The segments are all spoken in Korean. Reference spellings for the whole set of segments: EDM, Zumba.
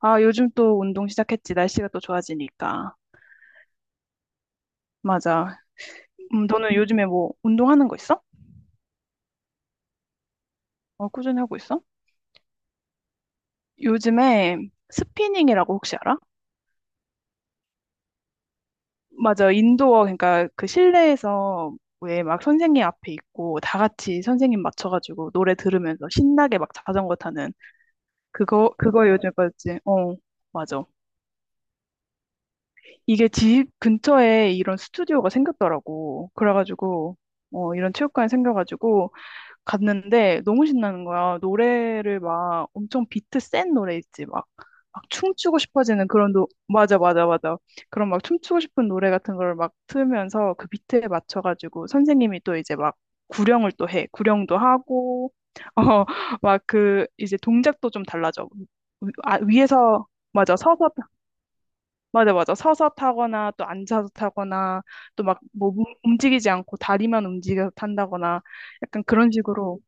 아, 요즘 또 운동 시작했지. 날씨가 또 좋아지니까. 맞아. 너는 요즘에 뭐 운동하는 거 있어? 어, 꾸준히 하고 있어? 요즘에 스피닝이라고 혹시 알아? 맞아. 인도어, 그러니까 그 실내에서 왜 막 선생님 앞에 있고 다 같이 선생님 맞춰가지고 노래 들으면서 신나게 막 자전거 타는 그거 요즘에 빠졌지. 어, 맞아. 이게 집 근처에 이런 스튜디오가 생겼더라고. 그래가지고, 이런 체육관이 생겨가지고 갔는데 너무 신나는 거야. 노래를 막 엄청 비트 센 노래 있지. 막, 막 춤추고 싶어지는 그런 맞아, 맞아, 맞아. 그런 막 춤추고 싶은 노래 같은 걸 막 틀면서 그 비트에 맞춰가지고 선생님이 또 이제 막 구령을 또 해. 구령도 하고, 어, 막 그 이제 동작도 좀 달라져. 아, 위에서, 맞아, 서서, 맞아, 맞아. 서서 타거나 또 앉아서 타거나 또 막 뭐 움직이지 않고 다리만 움직여서 탄다거나 약간 그런 식으로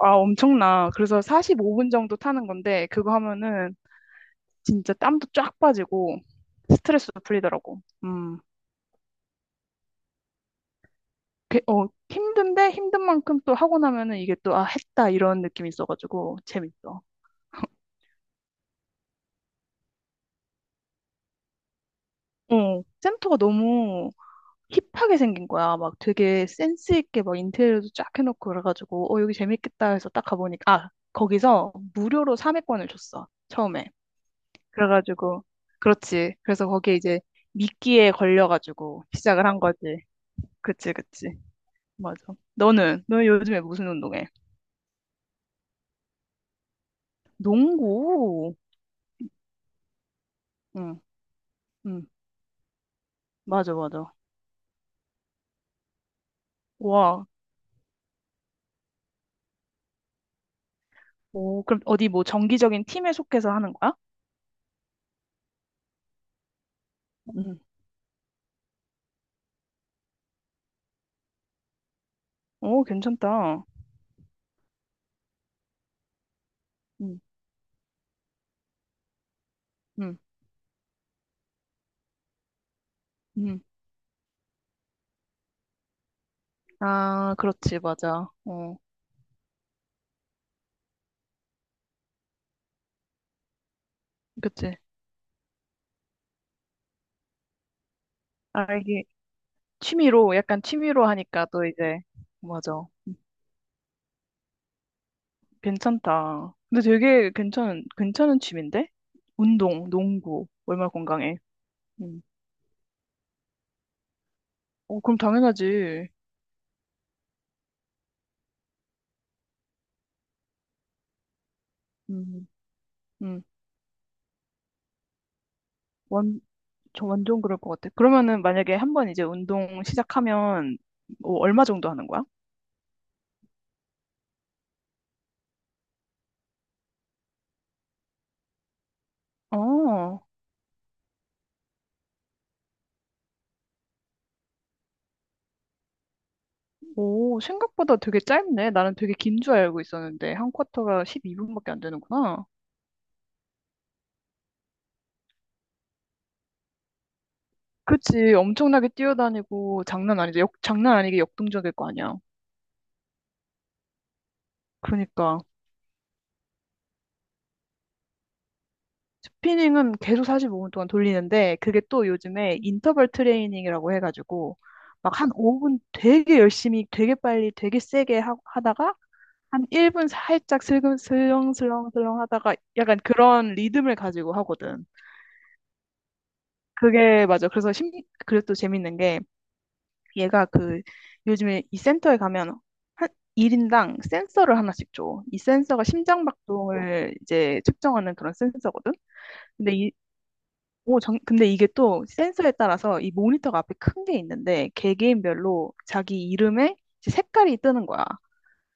아, 엄청나. 그래서 45분 정도 타는 건데, 그거 하면은 진짜 땀도 쫙 빠지고, 스트레스도 풀리더라고. 음. 힘든데, 힘든 만큼 또 하고 나면은 이게 또, 아, 했다, 이런 느낌이 있어가지고, 재밌어. 센터가 너무 힙하게 생긴 거야. 막 되게 센스 있게 막 인테리어도 쫙 해놓고 그래가지고, 여기 재밌겠다 해서 딱 가보니까, 아, 거기서 무료로 3회권을 줬어. 처음에. 그래가지고, 그렇지. 그래서 거기에 이제 미끼에 걸려가지고 시작을 한 거지. 그치, 그치. 맞아. 너는 요즘에 무슨 운동해? 농구. 응, 응. 맞아, 맞아. 와, 오, 그럼 어디 뭐 정기적인 팀에 속해서 하는 거야? 응. 오, 괜찮다. 응, 응, 응. 아, 그렇지, 맞아. 어, 그치. 아, 이게 취미로, 약간 취미로 하니까 또 이제, 맞아. 괜찮다. 근데 되게 괜찮은 취미인데? 운동, 농구. 얼마나 건강해. 음. 어, 그럼 당연하지. 음, 음. 완, 저 완전 그럴 것 같아. 그러면은 만약에 한 번 이제 운동 시작하면 뭐 얼마 정도 하는 거야? 어, 오, 생각보다 되게 짧네. 나는 되게 긴 줄 알고 있었는데, 한 쿼터가 12분밖에 안 되는구나. 그치, 엄청나게 뛰어다니고, 장난 아니지. 장난 아니게 역동적일 거 아니야. 그러니까. 스피닝은 계속 45분 동안 돌리는데 그게 또 요즘에 인터벌 트레이닝이라고 해가지고 막 한 5분 되게 열심히 되게 빨리 되게 세게 하다가 한 1분 살짝 슬금 슬렁슬렁슬렁 하다가 약간 그런 리듬을 가지고 하거든. 그게 맞아. 그래서 또 재밌는 게 얘가 그 요즘에 이 센터에 가면 한 1인당 센서를 하나씩 줘. 이 센서가 심장 박동을 이제 측정하는 그런 센서거든. 근데 이 근데 이게 또 센서에 따라서 이 모니터가 앞에 큰 게 있는데 개개인별로 자기 이름에 이제 색깔이 뜨는 거야.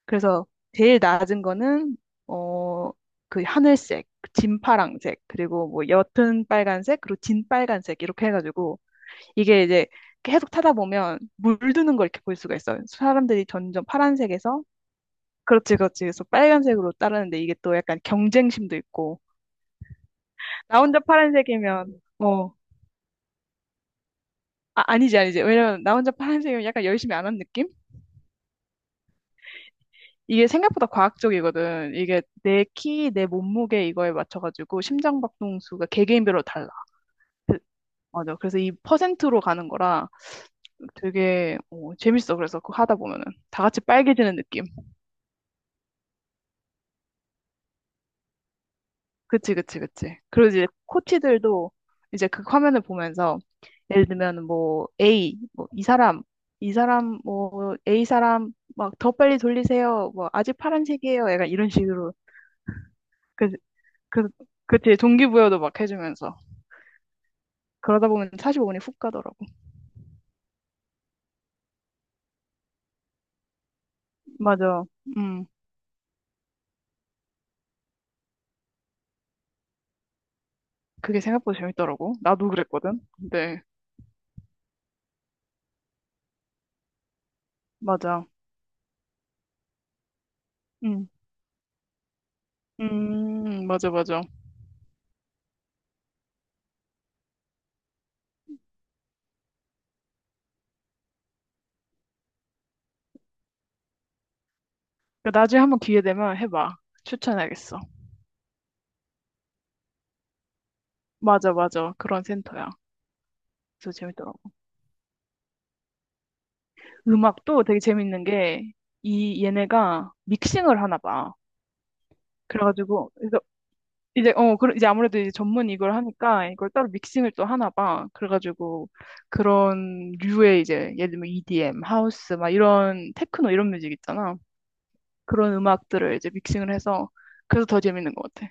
그래서 제일 낮은 거는 어, 그 하늘색, 진파랑색, 그리고 뭐 옅은 빨간색, 그리고 진빨간색 이렇게 해가지고 이게 이제 계속 타다 보면 물드는 걸 이렇게 볼 수가 있어. 요 사람들이 점점 파란색에서 그렇지, 그렇지. 그래서 빨간색으로 따르는데 이게 또 약간 경쟁심도 있고 나 혼자 파란색이면. 아, 아니지, 아니지. 왜냐면 나 혼자 파란색이면 약간 열심히 안 한 느낌? 이게 생각보다 과학적이거든. 이게 내 키, 내 몸무게 이거에 맞춰가지고 심장박동수가 개개인별로 달라. 그- 맞아. 그래서 이 퍼센트로 가는 거라 되게 재밌어. 그래서 그거 하다 보면은 다 같이 빨개지는 느낌. 그치, 그치, 그치. 그리고 이제 코치들도 이제 그 화면을 보면서 예를 들면 뭐 A, 뭐 이 사람, 이 사람, 뭐 A 사람 막 더 빨리 돌리세요. 뭐 아직 파란색이에요. 약간 이런 식으로 그, 그, 그치, 동기부여도 막 해주면서. 그러다 보면 45분이 훅 가더라고. 맞아. 음, 그게 생각보다 재밌더라고. 나도 그랬거든. 네, 맞아. 음, 맞아, 맞아. 그 나중에 한번 기회 되면 해봐. 추천하겠어. 맞아, 맞아. 그런 센터야. 그래서 재밌더라고. 음악도 되게 재밌는 게, 얘네가 믹싱을 하나 봐. 그래가지고, 이제 그런 이제 아무래도 이제 전문 이걸 하니까 이걸 따로 믹싱을 또 하나 봐. 그래가지고 그런 류의 이제 예를 들면 EDM, 하우스 막 이런 테크노 이런 뮤직 있잖아. 그런 음악들을 이제 믹싱을 해서 그래서 더 재밌는 것 같아.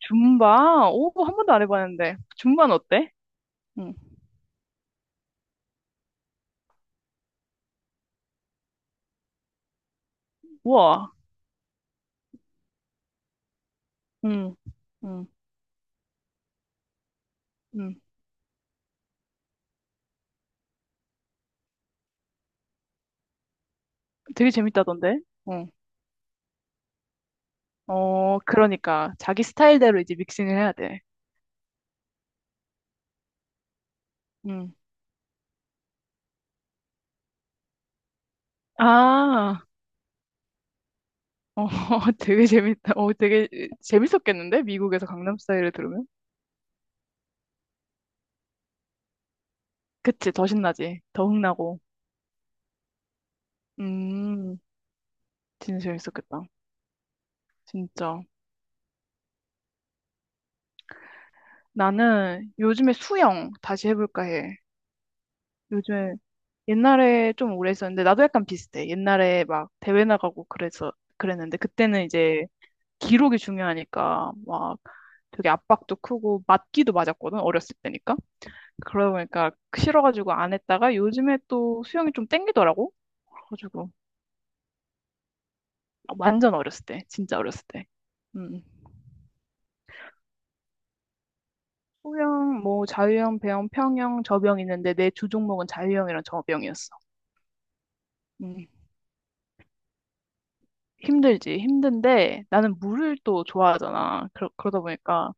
줌바? 오, 한 번도 안 해봤는데 줌바는 어때? 응. 우와. 응. 응. 응. 되게 재밌다던데. 응. 어 그러니까 자기 스타일대로 이제 믹싱을 해야 돼. 응. 아. 어, 되게 재밌다. 어, 되게 재밌었겠는데? 미국에서 강남 스타일을 들으면? 그치, 더 신나지. 더 흥나고. 음, 진짜 재밌었겠다. 진짜. 나는 요즘에 수영 다시 해볼까 해. 요즘에 옛날에 좀 오래 했었는데, 나도 약간 비슷해. 옛날에 막 대회 나가고 그래서 그랬는데, 그때는 이제 기록이 중요하니까 막 되게 압박도 크고 맞기도 맞았거든, 어렸을 때니까. 그러다 보니까 싫어가지고 안 했다가 요즘에 또 수영이 좀 땡기더라고. 그래가지고 아, 완전 어렸을 때, 진짜 어렸을 때. 음. 수영, 뭐 자유형, 배영, 평영, 저병 있는데 내 주 종목은 자유형이랑 저병이었어. 음. 힘들지, 힘든데 나는 물을 또 좋아하잖아. 그러다 보니까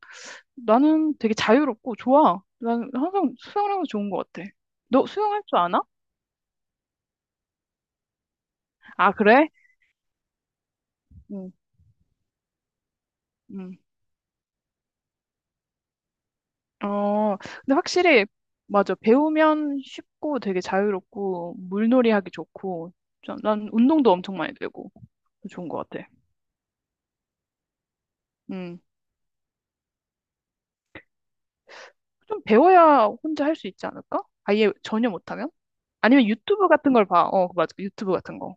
나는 되게 자유롭고 좋아. 나는 항상 수영을 하면 좋은 것 같아. 너 수영할 줄 아나? 아, 그래? 응, 응. 어, 근데 확실히, 맞아. 배우면 쉽고 되게 자유롭고, 물놀이 하기 좋고, 난 운동도 엄청 많이 되고, 좋은 것 같아. 음. 좀 배워야 혼자 할 수 있지 않을까? 아예 전혀 못하면? 아니면 유튜브 같은 걸 봐. 어, 그 맞아. 유튜브 같은 거.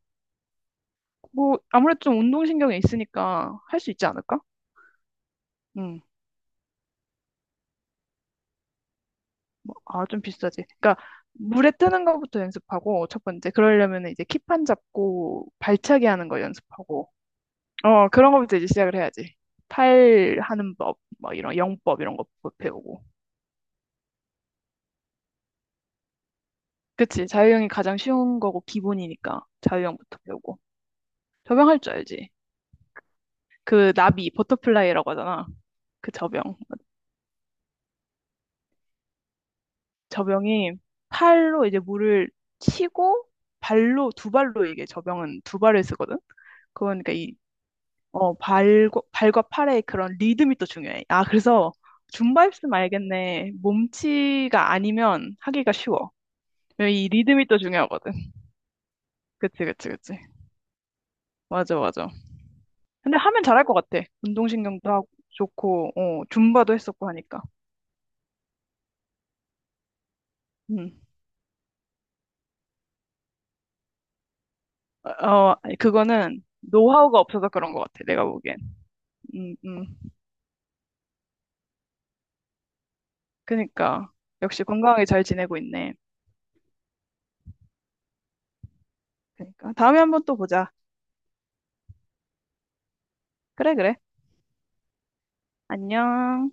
뭐, 아무래도 좀 운동신경이 있으니까 할 수 있지 않을까? 음. 아, 좀 비싸지. 그러니까, 물에 뜨는 것부터 연습하고, 첫 번째. 그러려면 이제 킥판 잡고, 발차기 하는 거 연습하고, 그런 거부터 이제 시작을 해야지. 팔 하는 법, 뭐 이런 영법 이런 거 배우고. 그치, 자유형이 가장 쉬운 거고 기본이니까 자유형부터 배우고. 접영 할 줄 알지. 그 나비, 버터플라이라고 하잖아. 그 접영. 접영이 팔로 이제 물을 치고 발로, 두 발로 이게 접영은 두 발을 쓰거든? 그러니까 발과 팔의 그런 리듬이 또 중요해. 아, 그래서 줌바 있으면 알겠네. 몸치가 아니면 하기가 쉬워. 왜냐면 이 리듬이 또 중요하거든. 그치, 그치, 그치. 맞아, 맞아. 근데 하면 잘할 것 같아. 운동신경도 하고 좋고, 줌바도 했었고 하니까. 음. 아니, 그거는 노하우가 없어서 그런 것 같아. 내가 보기엔. 음, 음. 그니까. 역시 건강하게 잘 지내고 있네. 그니까. 다음에 한번 또 보자. 그래, 그래. 안녕.